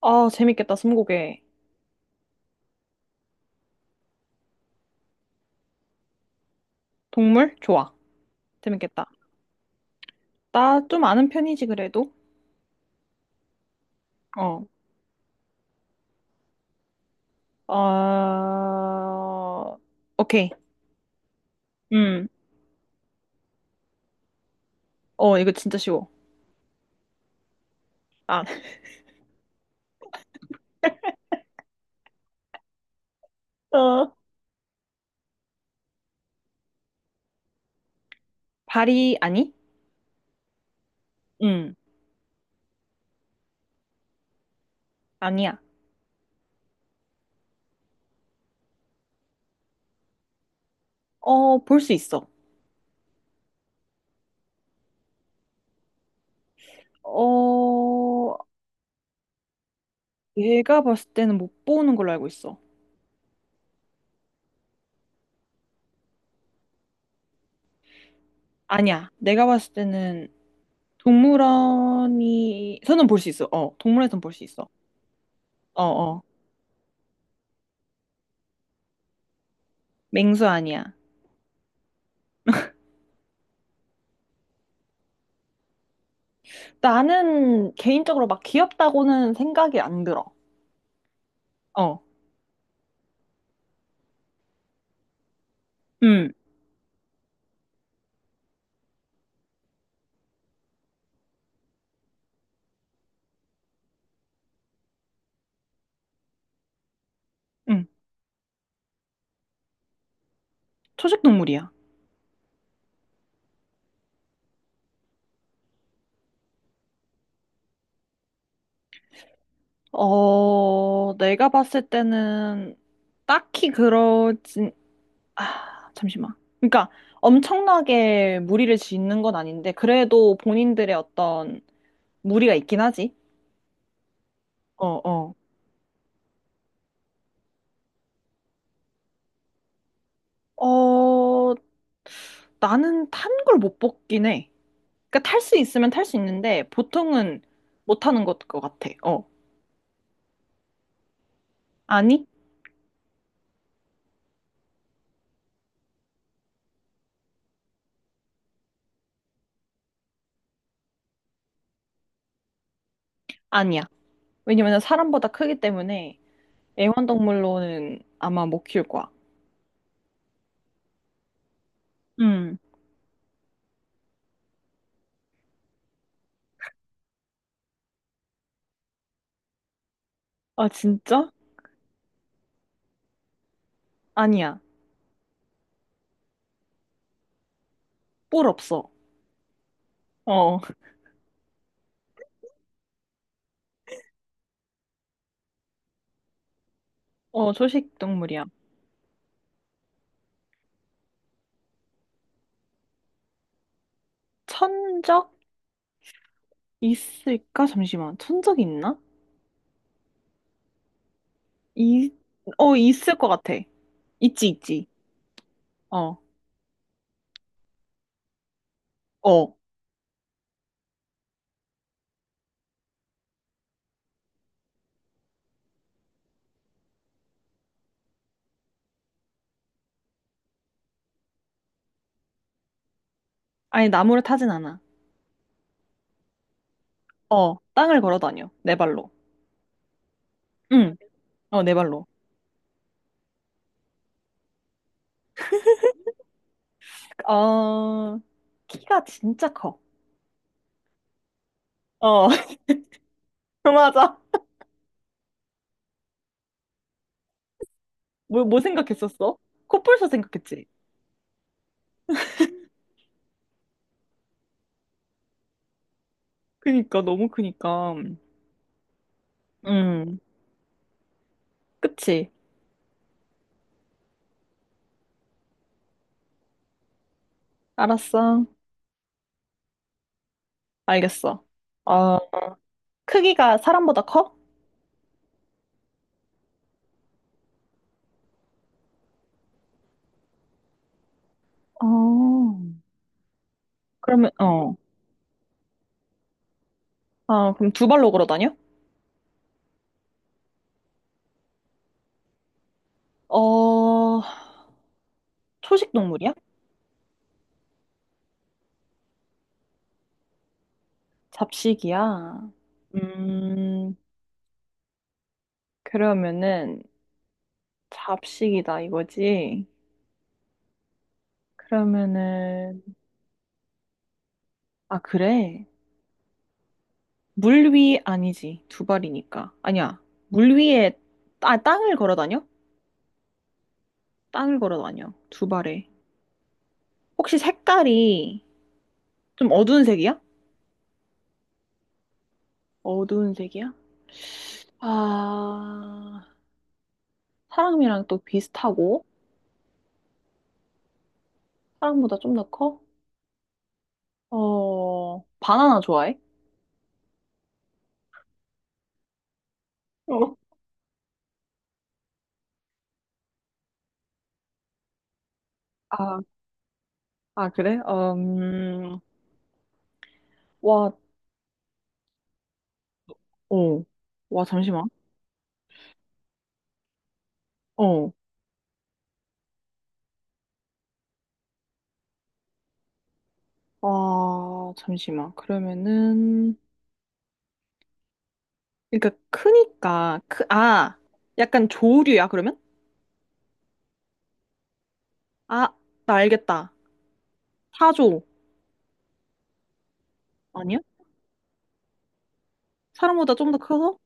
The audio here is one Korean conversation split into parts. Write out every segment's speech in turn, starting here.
아, 재밌겠다, 스무고개. 동물? 좋아. 재밌겠다. 나 좀 아는 편이지, 그래도. 어. 어, 오케이. 음. 어, 이거 진짜 쉬워. 아. 어. 발이, 아니? 음. 아니야. 어, 볼 수 있어. 어, 내가 봤을 때는 못 보는 걸로 알고 있어. 아니야. 내가 봤을 때는 동물원이, 서는 볼 수 있어. 어, 동물원에선 볼 수 있어. 어, 어. 맹수 아니야. 나는 개인적으로 막 귀엽다고는 생각이 안 들어. 어, 응. 응. 초식 동물이야. 어, 내가 봤을 때는 딱히 그러진, 아, 잠시만. 그러니까 엄청나게 무리를 짓는 건 아닌데, 그래도 본인들의 어떤 무리가 있긴 하지. 어, 어. 어, 나는 탄 걸 못 뽑긴 해. 그러니까 탈 수 있으면 탈 수 있는데, 보통은 못 타는 것 같아. 어. 아니? 아니야. 왜냐면 사람보다 크기 때문에 애완동물로는 아마 못 키울 거야. 음. 아, 진짜? 아니야. 뿔 없어. 어, 어, 초식 동물이야. 천적 있을까? 잠시만. 천적 있나? 이, 어, 있을 것 같아. 있지, 있지. 어, 어. 아니, 나무를 타진 않아. 어, 땅을 걸어 다녀. 네 발로. 응, 어, 네 발로. 어, 키가 진짜 커. 어, 맞아. 뭐 생각했었어? 코뿔소 생각했지? 그니까, 너무 크니까. 음, 그치. 알았어. 알겠어. 어, 크기가 사람보다 커? 어, 그러면, 어. 아, 그럼 두 발로 걸어 다녀? 어, 초식 동물이야? 잡식이야. 음, 그러면은, 잡식이다 이거지? 그러면은, 아, 그래. 물 위 아니지. 두 발이니까. 아니야. 물 위에, 아, 땅을 걸어 다녀? 땅을 걸어 다녀. 두 발에. 혹시 색깔이 좀 어두운 색이야? 어두운 색이야? 아, 사람이랑 또 비슷하고, 사람보다 좀 더 커? 어, 바나나 좋아해? 어. 아, 아, 그래? 와, 어, 와, 잠시만. 어, 와, 잠시만. 그러면은, 그러니까 크니까, 크, 아, 약간 조류야, 그러면? 아, 나 알겠다. 사조. 아니야? 사람보다 좀 더 커서?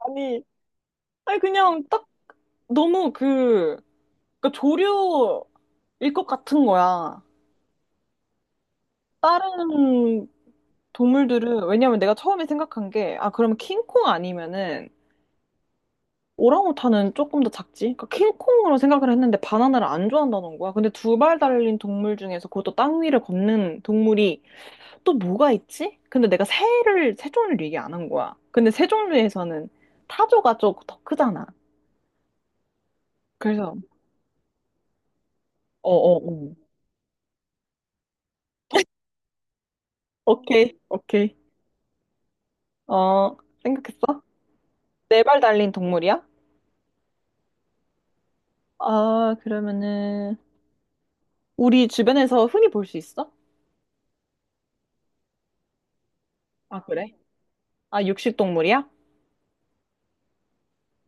아니, 아니 그냥 너무 그, 그러니까 조류일 것 같은 거야. 다른 동물들은, 왜냐면 내가 처음에 생각한 게, 아, 그러면 킹콩 아니면은, 오랑우탄은 조금 더 작지? 그러니까 킹콩으로 생각을 했는데 바나나를 안 좋아한다는 거야. 근데 두 발 달린 동물 중에서 그것도 땅 위를 걷는 동물이 또 뭐가 있지? 근데 내가 새를, 새 종류를 얘기 안 한 거야. 근데 새 종류에서는 타조가 좀 더 크잖아. 그래서, 어어어. 오케이, 오케이. 어, 생각했어? 네발 달린 동물이야? 아, 그러면은 우리 주변에서 흔히 볼 수 있어? 아, 그래? 아, 육식 동물이야?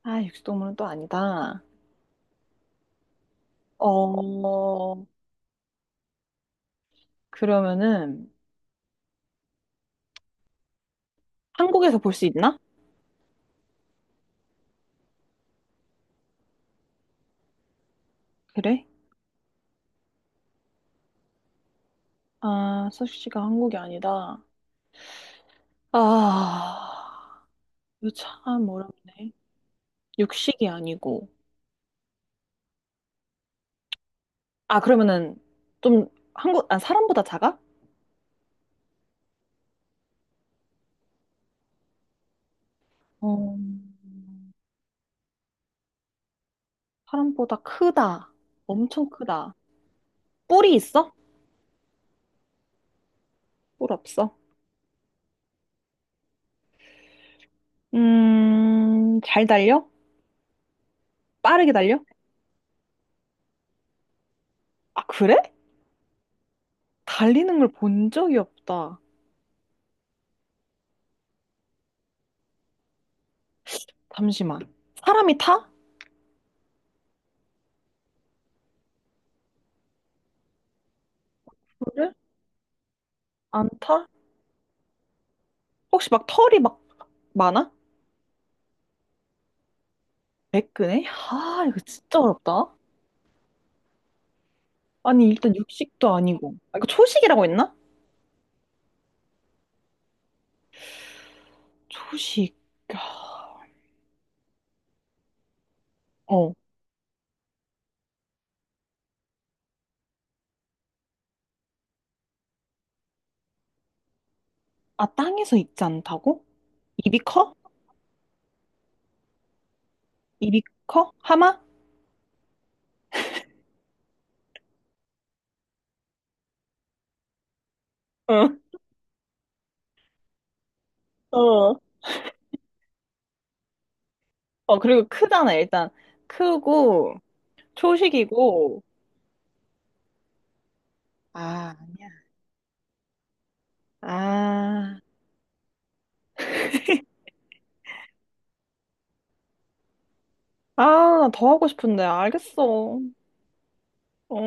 아, 육식 동물은 또 아니다. 어, 그러면은 한국에서 볼 수 있나? 그래? 아, 서식지가 한국이 아니다. 아, 이거 참 어렵네. 육식이 아니고. 아, 그러면은 좀 한국, 아, 사람보다 작아? 어, 사람보다 크다. 엄청 크다. 뿔이 있어? 뿔 없어? 잘 달려? 빠르게 달려? 아, 그래? 달리는 걸 본 적이 없다. 잠시만. 사람이 타? 그래? 안 타? 혹시 막 털이 막 많아? 매끈해? 아, 이거 진짜 어렵다. 아니, 일단 육식도 아니고. 아, 이거 초식이라고 했나? 초식. 아, 어. 아, 땅에서 익지 않다고? 입이 커? 입이 커? 하마? 응. 어. 어, 그리고 크잖아, 일단. 크고, 초식이고. 아, 아. 아, 나 더 하고 싶은데. 알겠어. 어,